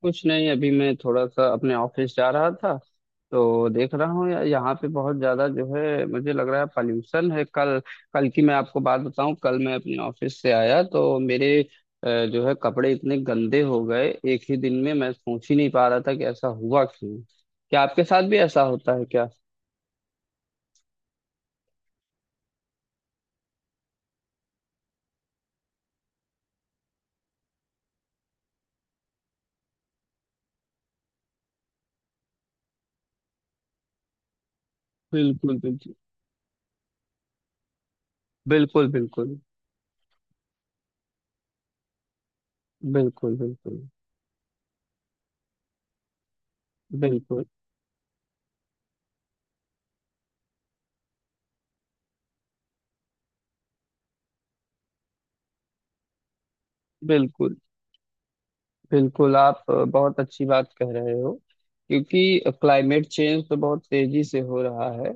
कुछ नहीं। अभी मैं थोड़ा सा अपने ऑफिस जा रहा था, तो देख रहा हूँ यार, यहाँ पे बहुत ज्यादा जो है मुझे लग रहा है पॉल्यूशन है। कल कल की मैं आपको बात बताऊं, कल मैं अपने ऑफिस से आया तो मेरे जो है कपड़े इतने गंदे हो गए एक ही दिन में। मैं सोच ही नहीं पा रहा था कि ऐसा हुआ क्यों। क्या आपके साथ भी ऐसा होता है क्या? बिल्कुल। बिल्कुल। बिल्कुल। बिल्कुल। बिल्कुल। बिल्कुल। बिल्कुल। बिल्कुल। बिल्कुल, आप बहुत अच्छी बात कह रहे हो। क्योंकि क्लाइमेट चेंज तो बहुत तेजी से हो रहा है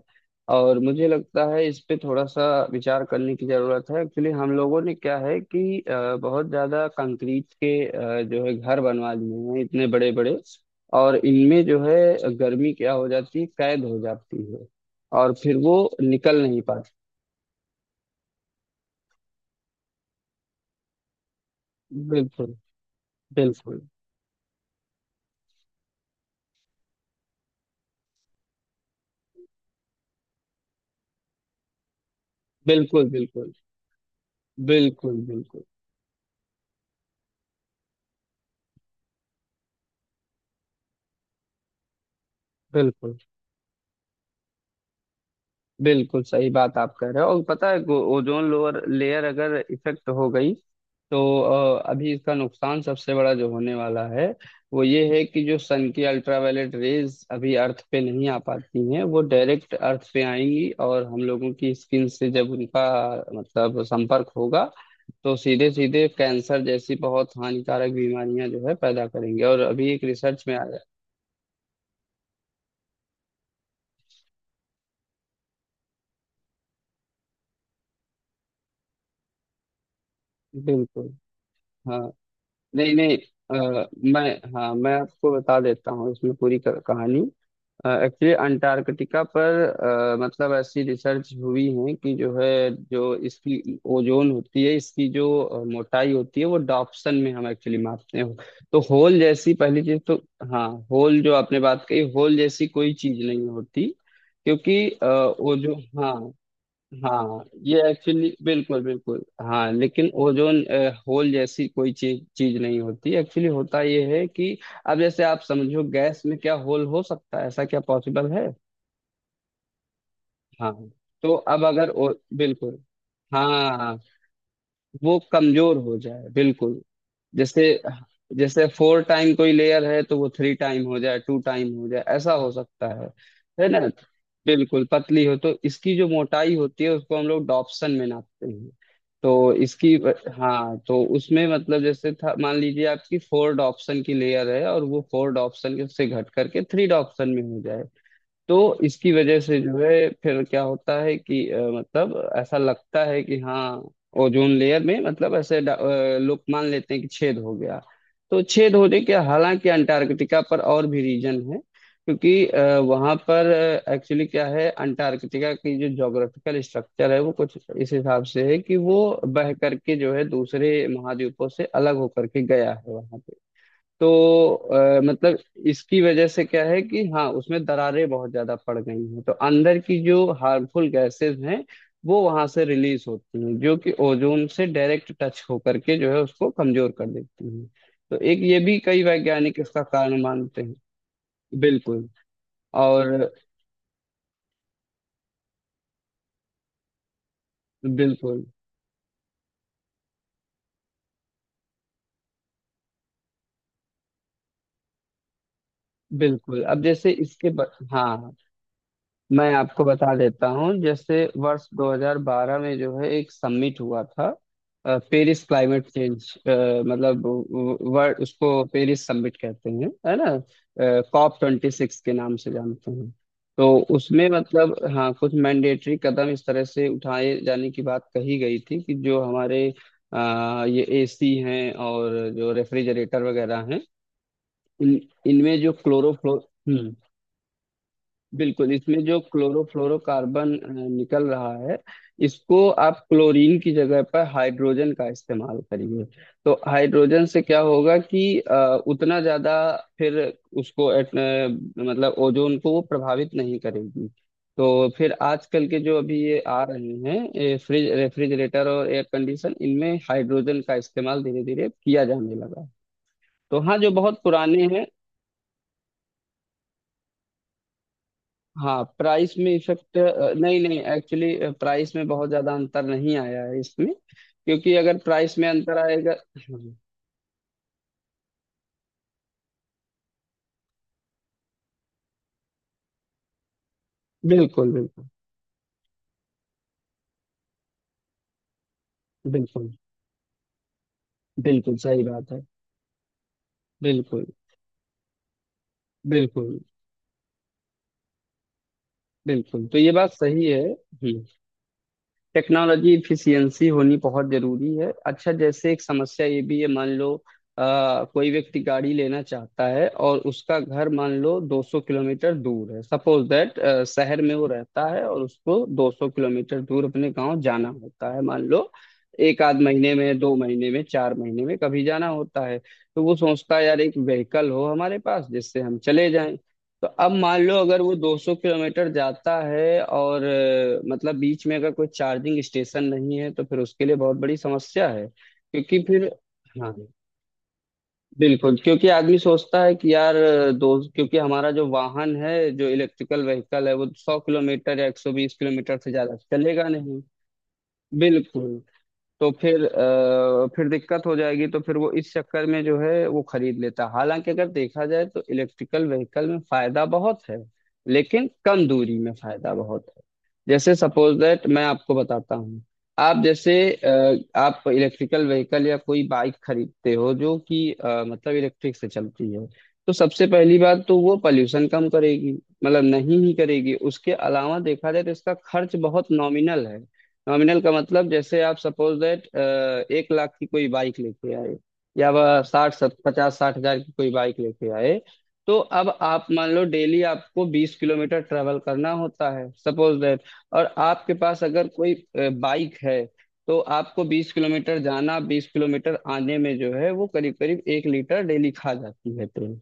और मुझे लगता है इस पे थोड़ा सा विचार करने की जरूरत है। एक्चुअली हम लोगों ने क्या है कि बहुत ज्यादा कंक्रीट के जो है घर बनवा लिए हैं इतने बड़े बड़े, और इनमें जो है गर्मी क्या हो जाती है, कैद हो जाती है और फिर वो निकल नहीं पाती। बिल्कुल। बिल्कुल। बिल्कुल। बिल्कुल। बिल्कुल। बिल्कुल। बिल्कुल। बिल्कुल सही बात आप कह रहे हो। और पता है ओजोन लोअर लेयर अगर इफेक्ट हो गई तो अभी इसका नुकसान सबसे बड़ा जो होने वाला है वो ये है कि जो सन की अल्ट्रावायलेट रेज अभी अर्थ पे नहीं आ पाती हैं वो डायरेक्ट अर्थ पे आएंगी और हम लोगों की स्किन से जब उनका मतलब संपर्क होगा, तो सीधे सीधे कैंसर जैसी बहुत हानिकारक बीमारियां जो है पैदा करेंगे। और अभी एक रिसर्च में आया। बिल्कुल। हाँ। नहीं नहीं। अ, मैं। हाँ, मैं आपको बता देता हूँ इसमें पूरी कहानी। एक्चुअली अंटार्कटिका पर मतलब ऐसी रिसर्च हुई है कि जो है, जो इसकी ओजोन होती है, इसकी जो मोटाई होती है वो डॉप्सन में हम एक्चुअली मापते हैं। तो होल जैसी पहली चीज तो हाँ, होल जो आपने बात कही, होल जैसी कोई चीज नहीं होती। क्योंकि ओजोन। हाँ। हाँ ये एक्चुअली बिल्कुल बिल्कुल। हाँ, लेकिन ओजोन होल जैसी कोई चीज चीज नहीं होती। एक्चुअली होता ये है कि अब जैसे आप समझो, गैस में क्या होल हो सकता है, ऐसा क्या पॉसिबल है। हाँ। तो अब अगर बिल्कुल, हाँ, वो कमजोर हो जाए। बिल्कुल। जैसे जैसे फोर टाइम कोई लेयर है तो वो थ्री टाइम हो जाए, टू टाइम हो जाए, ऐसा हो सकता है ना? बिल्कुल पतली हो तो इसकी जो मोटाई होती है उसको हम लोग डॉप्सन में नापते हैं। तो इसकी, हाँ, तो उसमें मतलब जैसे था, मान लीजिए आपकी फोर डॉप्सन की लेयर है और वो फोर डॉप्सन से घट करके थ्री डॉप्सन में हो जाए। तो इसकी वजह से जो है फिर क्या होता है कि मतलब ऐसा लगता है कि हाँ, ओजोन लेयर में मतलब ऐसे लोग मान लेते हैं कि छेद हो गया। तो छेद होने के हालांकि अंटार्कटिका पर और भी रीजन है, क्योंकि वहाँ पर एक्चुअली क्या है, अंटार्कटिका की जो ज्योग्राफिकल स्ट्रक्चर है वो कुछ इस हिसाब से है कि वो बह करके जो है दूसरे महाद्वीपों से अलग होकर के गया है वहाँ। तो मतलब इसकी वजह से क्या है कि हाँ, उसमें दरारें बहुत ज्यादा पड़ गई हैं, तो अंदर की जो हार्मफुल गैसेस हैं वो वहां से रिलीज होती हैं जो कि ओजोन से डायरेक्ट टच होकर के जो है उसको कमजोर कर देती हैं। तो एक ये भी कई वैज्ञानिक इसका कारण मानते हैं। बिल्कुल। और बिल्कुल। बिल्कुल। अब जैसे इसके हाँ, मैं आपको बता देता हूँ। जैसे वर्ष 2012 में जो है एक समिट हुआ था। पेरिस क्लाइमेट चेंज मतलब वर्ल्ड, उसको पेरिस समिट कहते हैं, है ना? COP 26 के नाम से जानते हैं। तो उसमें मतलब हाँ, कुछ मैंडेटरी कदम इस तरह से उठाए जाने की बात कही गई थी कि जो हमारे ये AC हैं और जो रेफ्रिजरेटर वगैरह हैं, इन इनमें जो क्लोरोफ्लो। बिल्कुल। इसमें जो क्लोरोफ्लोरोकार्बन निकल रहा है, इसको आप क्लोरीन की जगह पर हाइड्रोजन का इस्तेमाल करिए। तो हाइड्रोजन से क्या होगा कि उतना ज्यादा, फिर उसको मतलब ओजोन को वो प्रभावित नहीं करेगी। तो फिर आजकल के जो अभी ये आ रहे हैं ये फ्रिज रेफ्रिजरेटर और एयर कंडीशन, इनमें हाइड्रोजन का इस्तेमाल धीरे धीरे किया जाने लगा। तो हाँ, जो बहुत पुराने हैं। हाँ, प्राइस में इफेक्ट। नहीं नहीं, एक्चुअली प्राइस में बहुत ज्यादा अंतर नहीं आया है इसमें, क्योंकि अगर प्राइस में अंतर आएगा। हाँ। बिल्कुल। बिल्कुल। बिल्कुल। बिल्कुल सही बात है। बिल्कुल। बिल्कुल। बिल्कुल, तो ये बात सही है। टेक्नोलॉजी इफिशियंसी होनी बहुत जरूरी है। अच्छा, जैसे एक समस्या ये भी है, मान लो कोई व्यक्ति गाड़ी लेना चाहता है और उसका घर मान लो 200 किलोमीटर दूर है। सपोज दैट, शहर में वो रहता है और उसको 200 किलोमीटर दूर अपने गांव जाना होता है मान लो, एक आध महीने में, 2 महीने में, 4 महीने में कभी जाना होता है। तो वो सोचता है यार, एक व्हीकल हो हमारे पास जिससे हम चले जाएं। तो अब मान लो अगर वो 200 किलोमीटर जाता है और मतलब बीच में अगर कोई चार्जिंग स्टेशन नहीं है तो फिर उसके लिए बहुत बड़ी समस्या है, क्योंकि फिर हाँ। बिल्कुल। क्योंकि आदमी सोचता है कि यार अ, दो क्योंकि हमारा जो वाहन है, जो इलेक्ट्रिकल व्हीकल है वो 100 किलोमीटर या 120 किलोमीटर से ज्यादा चलेगा नहीं। बिल्कुल। तो फिर फिर दिक्कत हो जाएगी, तो फिर वो इस चक्कर में जो है वो खरीद लेता। हालांकि अगर देखा जाए तो इलेक्ट्रिकल व्हीकल में फायदा बहुत है, लेकिन कम दूरी में फायदा बहुत है। जैसे, सपोज दैट, मैं आपको बताता हूँ। आप इलेक्ट्रिकल व्हीकल या कोई बाइक खरीदते हो जो कि मतलब इलेक्ट्रिक से चलती है। तो सबसे पहली बात तो वो पॉल्यूशन कम करेगी, मतलब नहीं ही करेगी। उसके अलावा देखा जाए तो इसका खर्च बहुत नॉमिनल है। नॉमिनल का मतलब, जैसे आप सपोज दैट 1 लाख की कोई बाइक लेके आए, या वह साठ सत 50-60 हजार की कोई बाइक लेके आए। तो अब आप मान लो डेली आपको 20 किलोमीटर ट्रेवल करना होता है सपोज दैट, और आपके पास अगर कोई बाइक है तो आपको 20 किलोमीटर जाना, 20 किलोमीटर आने में जो है वो करीब करीब 1 लीटर डेली खा जाती है तेल।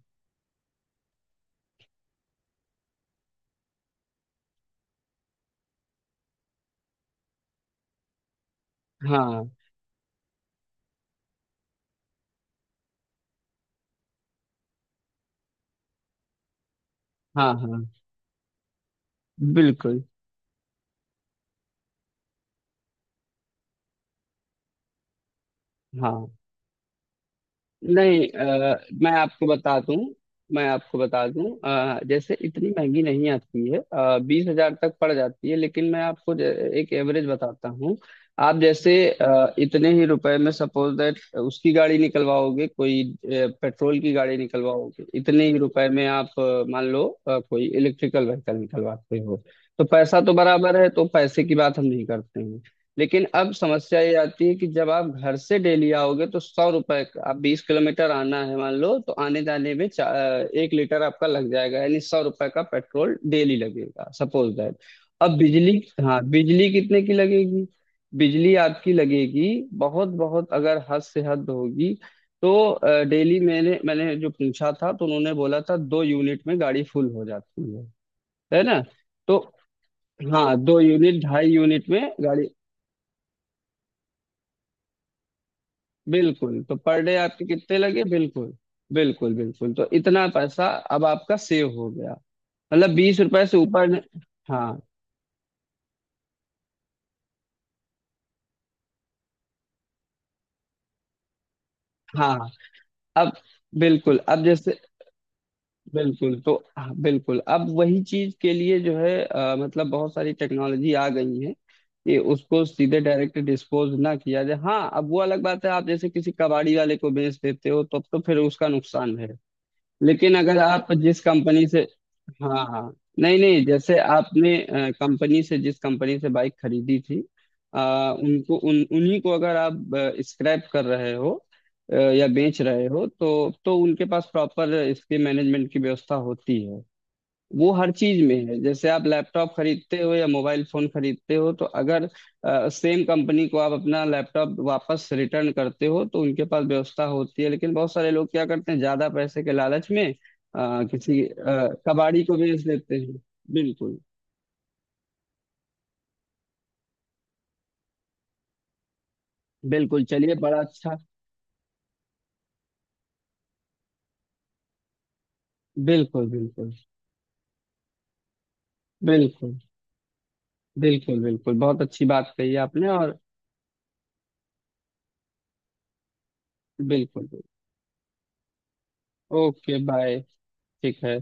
हाँ। हाँ। हाँ। बिल्कुल। हाँ। नहीं, मैं आपको बता दूं। जैसे इतनी महंगी नहीं आती है, 20 हजार तक पड़ जाती है। लेकिन मैं आपको एक एवरेज बताता हूँ। आप जैसे, इतने ही रुपए में सपोज दैट उसकी गाड़ी निकलवाओगे, कोई पेट्रोल की गाड़ी निकलवाओगे, इतने ही रुपए में आप मान लो कोई इलेक्ट्रिकल व्हीकल निकलवाते हो, तो पैसा तो बराबर है, तो पैसे की बात हम नहीं करते। लेकिन अब समस्या ये आती है कि जब आप घर से डेली आओगे, तो 100 रुपए आप 20 किलोमीटर आना है मान लो, तो आने जाने में 1 लीटर आपका लग जाएगा, यानी सौ रुपए का पेट्रोल डेली लगेगा सपोज दैट। अब बिजली, हाँ, बिजली कितने की लगेगी? बिजली आपकी लगेगी बहुत, बहुत अगर हद से हद होगी तो डेली मैंने मैंने जो पूछा था तो उन्होंने बोला था 2 यूनिट में गाड़ी फुल हो जाती है ना? तो हाँ, 2 यूनिट, 2.5 यूनिट में गाड़ी। बिल्कुल, तो पर डे आपके कितने लगे? बिल्कुल। बिल्कुल। बिल्कुल, तो इतना पैसा अब आपका सेव हो गया, मतलब 20 रुपए से ऊपर हाँ। हाँ, अब, बिल्कुल, अब जैसे, बिल्कुल, तो हाँ, बिल्कुल, अब वही चीज के लिए जो है मतलब बहुत सारी टेक्नोलॉजी आ गई है कि उसको सीधे डायरेक्ट डिस्पोज ना किया जाए। हाँ, अब वो अलग बात है, आप जैसे किसी कबाड़ी वाले को बेच देते हो तब तो फिर उसका नुकसान है। लेकिन अगर आप जिस कंपनी से, हाँ हाँ, नहीं नहीं, जैसे आपने कंपनी से जिस कंपनी से बाइक खरीदी थी, अ, उनको उन उन्हीं को अगर आप स्क्रैप कर रहे हो या बेच रहे हो तो उनके पास प्रॉपर इसके मैनेजमेंट की व्यवस्था होती है। वो हर चीज में है, जैसे आप लैपटॉप खरीदते हो या मोबाइल फोन खरीदते हो, तो अगर सेम कंपनी को आप अपना लैपटॉप वापस रिटर्न करते हो तो उनके पास व्यवस्था होती है। लेकिन बहुत सारे लोग क्या करते हैं, ज्यादा पैसे के लालच में किसी कबाड़ी को बेच देते हैं। बिल्कुल। बिल्कुल, चलिए, बड़ा अच्छा। बिल्कुल। बिल्कुल। बिल्कुल। बिल्कुल। बिल्कुल बहुत अच्छी बात कही आपने। और बिल्कुल। बिल्कुल। Okay, bye. ठीक है।